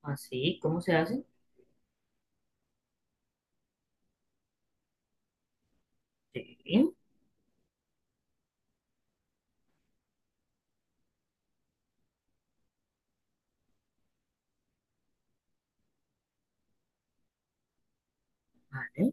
Así, ¿cómo se hace? Sí, vale.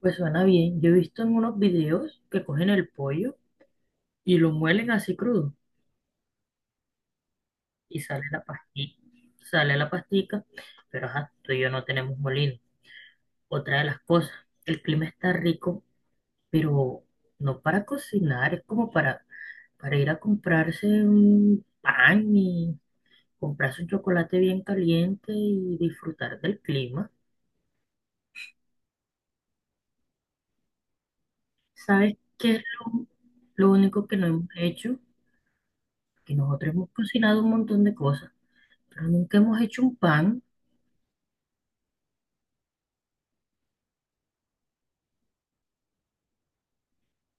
Pues suena bien. Yo he visto en unos videos que cogen el pollo y lo muelen así crudo y sale la pastilla. Sale la pastica, pero ajá, tú y yo no tenemos molino. Otra de las cosas, el clima está rico, pero no para cocinar, es como para ir a comprarse un pan y comprarse un chocolate bien caliente y disfrutar del clima. ¿Sabes qué es lo único que no hemos hecho? Que nosotros hemos cocinado un montón de cosas, pero nunca hemos hecho un pan.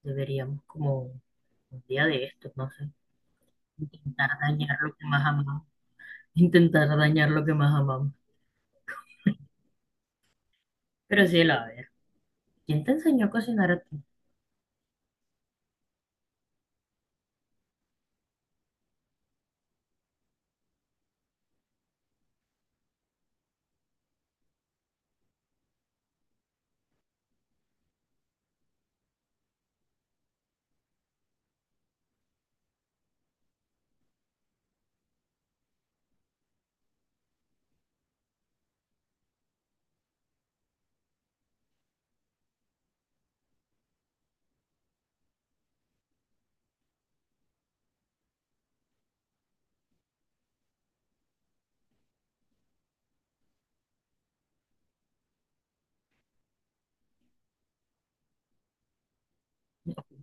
Deberíamos como un día de estos, no sé, intentar dañar lo que más amamos, intentar dañar lo que más amamos. Pero sí, a ver, ¿quién te enseñó a cocinar a ti?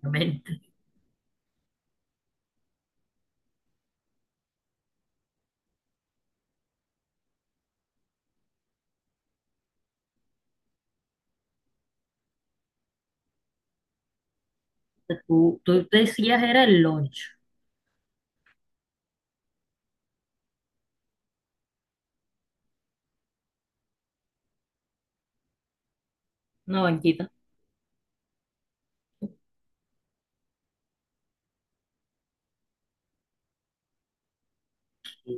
Obviamente. Tú decías era el lunch, una banquita, que,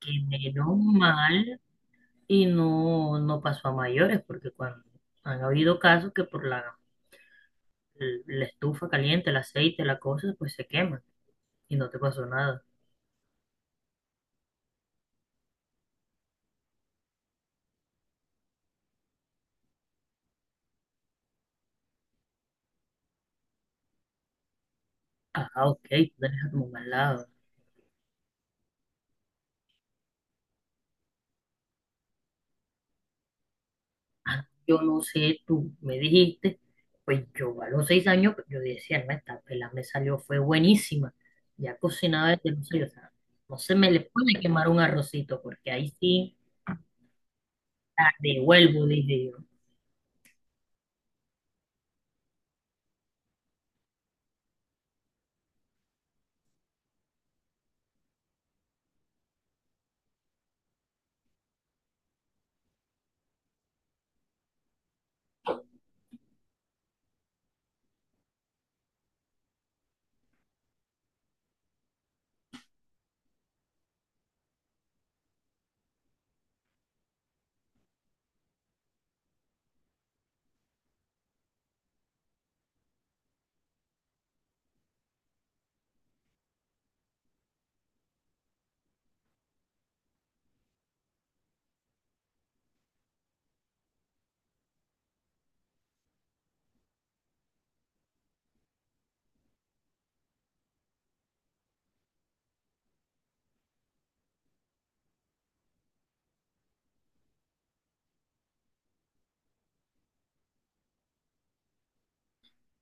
que menos mal y no, no pasó a mayores, porque cuando han habido casos que por la estufa caliente, el aceite, la cosa, pues se quema y no te pasó nada. Ah, ok, tú tenés a tu mamá al lado. Ah, yo no sé, tú me dijiste, pues yo a los 6 años, pues, yo decía, no, esta pela me salió, fue buenísima. Ya cocinaba desde los seis, o sea, no se me le puede quemar un arrocito, porque ahí sí la devuelvo, dije yo.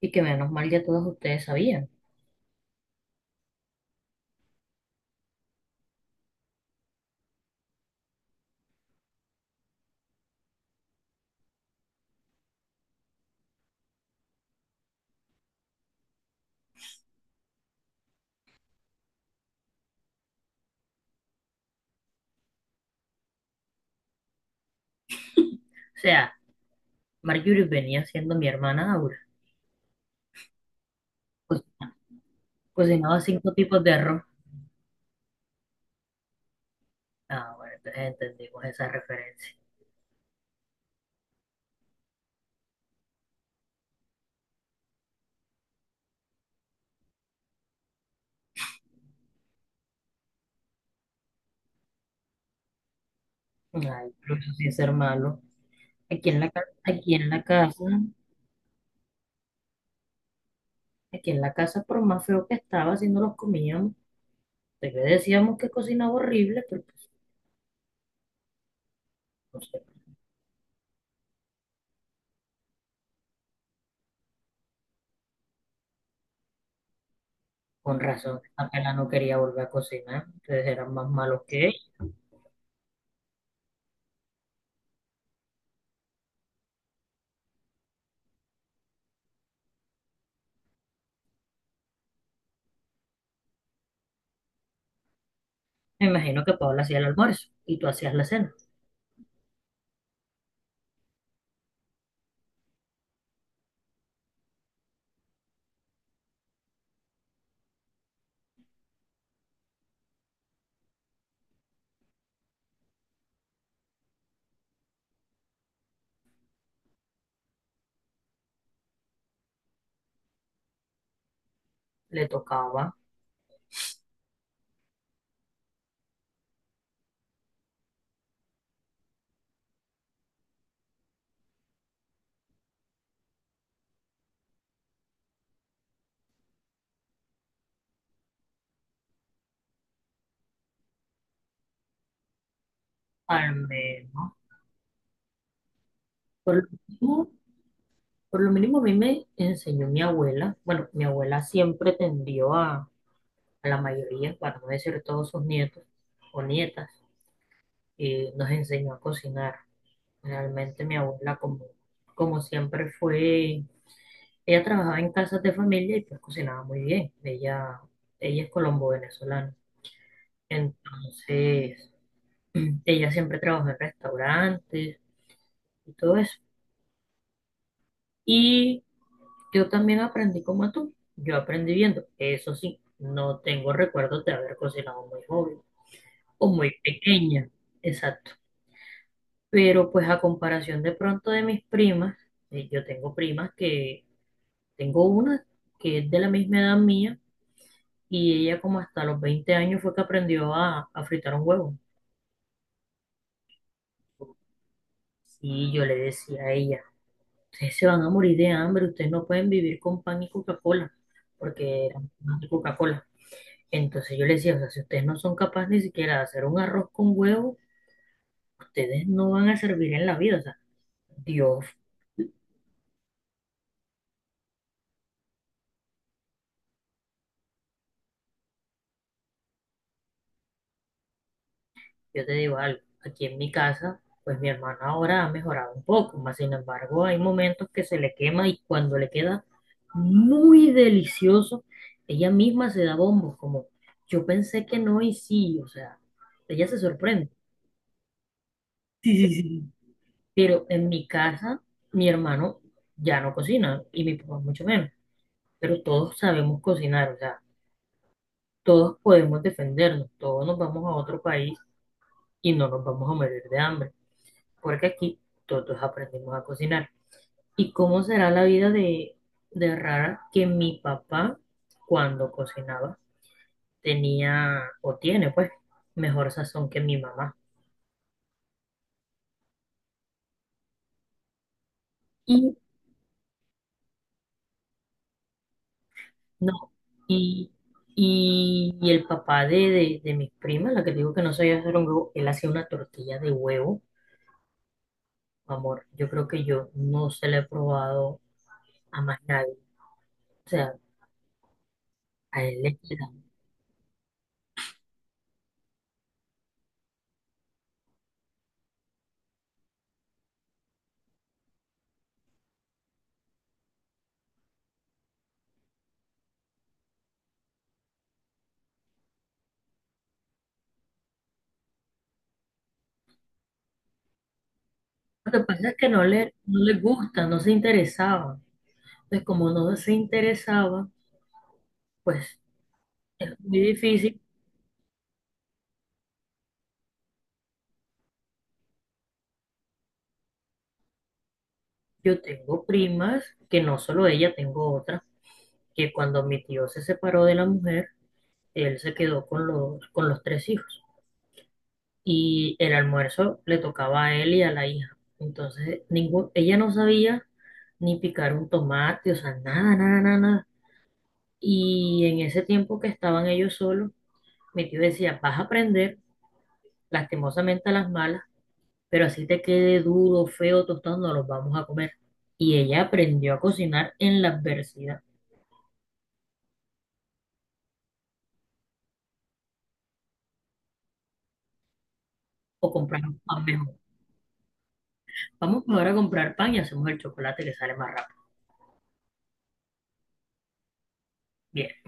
Y que menos mal ya todos ustedes sabían. O sea, Marjorie venía siendo mi hermana Aura. Pues cocinaba cinco tipos de arroz. Ah, bueno, entonces entendimos esa referencia. Ay, pero eso sí es ser malo. Aquí en aquí en la casa. Aquí en la casa, por más feo que estaba, si no los comíamos, pues le decíamos que cocinaba horrible, pero pues, no sé, con razón, apenas no quería volver a cocinar, ustedes eran más malos que ella. Me imagino que Paola hacía el almuerzo y tú hacías la cena. Le tocaba, al menos, por lo mínimo, por lo mínimo a mí me enseñó mi abuela. Bueno, mi abuela siempre tendió a la mayoría, para no decir todos sus nietos o nietas, y nos enseñó a cocinar. Realmente mi abuela, como, como siempre fue, ella trabajaba en casas de familia y pues cocinaba muy bien. Ella es colombo-venezolana. Entonces, ella siempre trabajó en restaurantes y todo eso. Y yo también aprendí como tú. Yo aprendí viendo. Eso sí, no tengo recuerdos de haber cocinado muy joven o muy pequeña. Exacto. Pero pues a comparación de pronto de mis primas, yo tengo primas que tengo una que es de la misma edad mía y ella como hasta los 20 años fue que aprendió a fritar un huevo. Y yo le decía a ella, ustedes se van a morir de hambre, ustedes no pueden vivir con pan y Coca-Cola, porque era pan y Coca-Cola. Entonces yo le decía, o sea, si ustedes no son capaces ni siquiera de hacer un arroz con huevo, ustedes no van a servir en la vida. O sea, Dios. Yo te digo algo, aquí en mi casa, pues mi hermana ahora ha mejorado un poco, más sin embargo hay momentos que se le quema y cuando le queda muy delicioso, ella misma se da bombos, como yo pensé que no y sí, o sea, ella se sorprende. Sí, sí, sí. Pero en mi casa, mi hermano ya no cocina y mi papá mucho menos, pero todos sabemos cocinar, o sea, todos podemos defendernos, todos nos vamos a otro país y no nos vamos a morir de hambre, porque aquí todos aprendimos a cocinar. ¿Y cómo será la vida de rara que mi papá, cuando cocinaba, tenía o tiene, pues, mejor sazón que mi mamá? Y no, y, y el papá de, de mis primas, la que digo que no sabía hacer un huevo, él hacía una tortilla de huevo, amor. Yo creo que yo no se la he probado a más nadie. O sea, a él le queda. Lo que pasa es que no no le gusta, no se interesaba. Pues como no se interesaba, pues es muy difícil. Yo tengo primas, que no solo ella, tengo otra, que cuando mi tío se separó de la mujer, él se quedó con los tres hijos. Y el almuerzo le tocaba a él y a la hija. Entonces, ningún, ella no sabía ni picar un tomate, o sea, nada, nada, nada, nada. Y en ese tiempo que estaban ellos solos, mi tío decía, vas a aprender, lastimosamente a las malas, pero así te quede duro, feo, tostado, no los vamos a comer. Y ella aprendió a cocinar en la adversidad o compramos pan mejor. Vamos ahora a comprar pan y hacemos el chocolate que sale más rápido. Bien.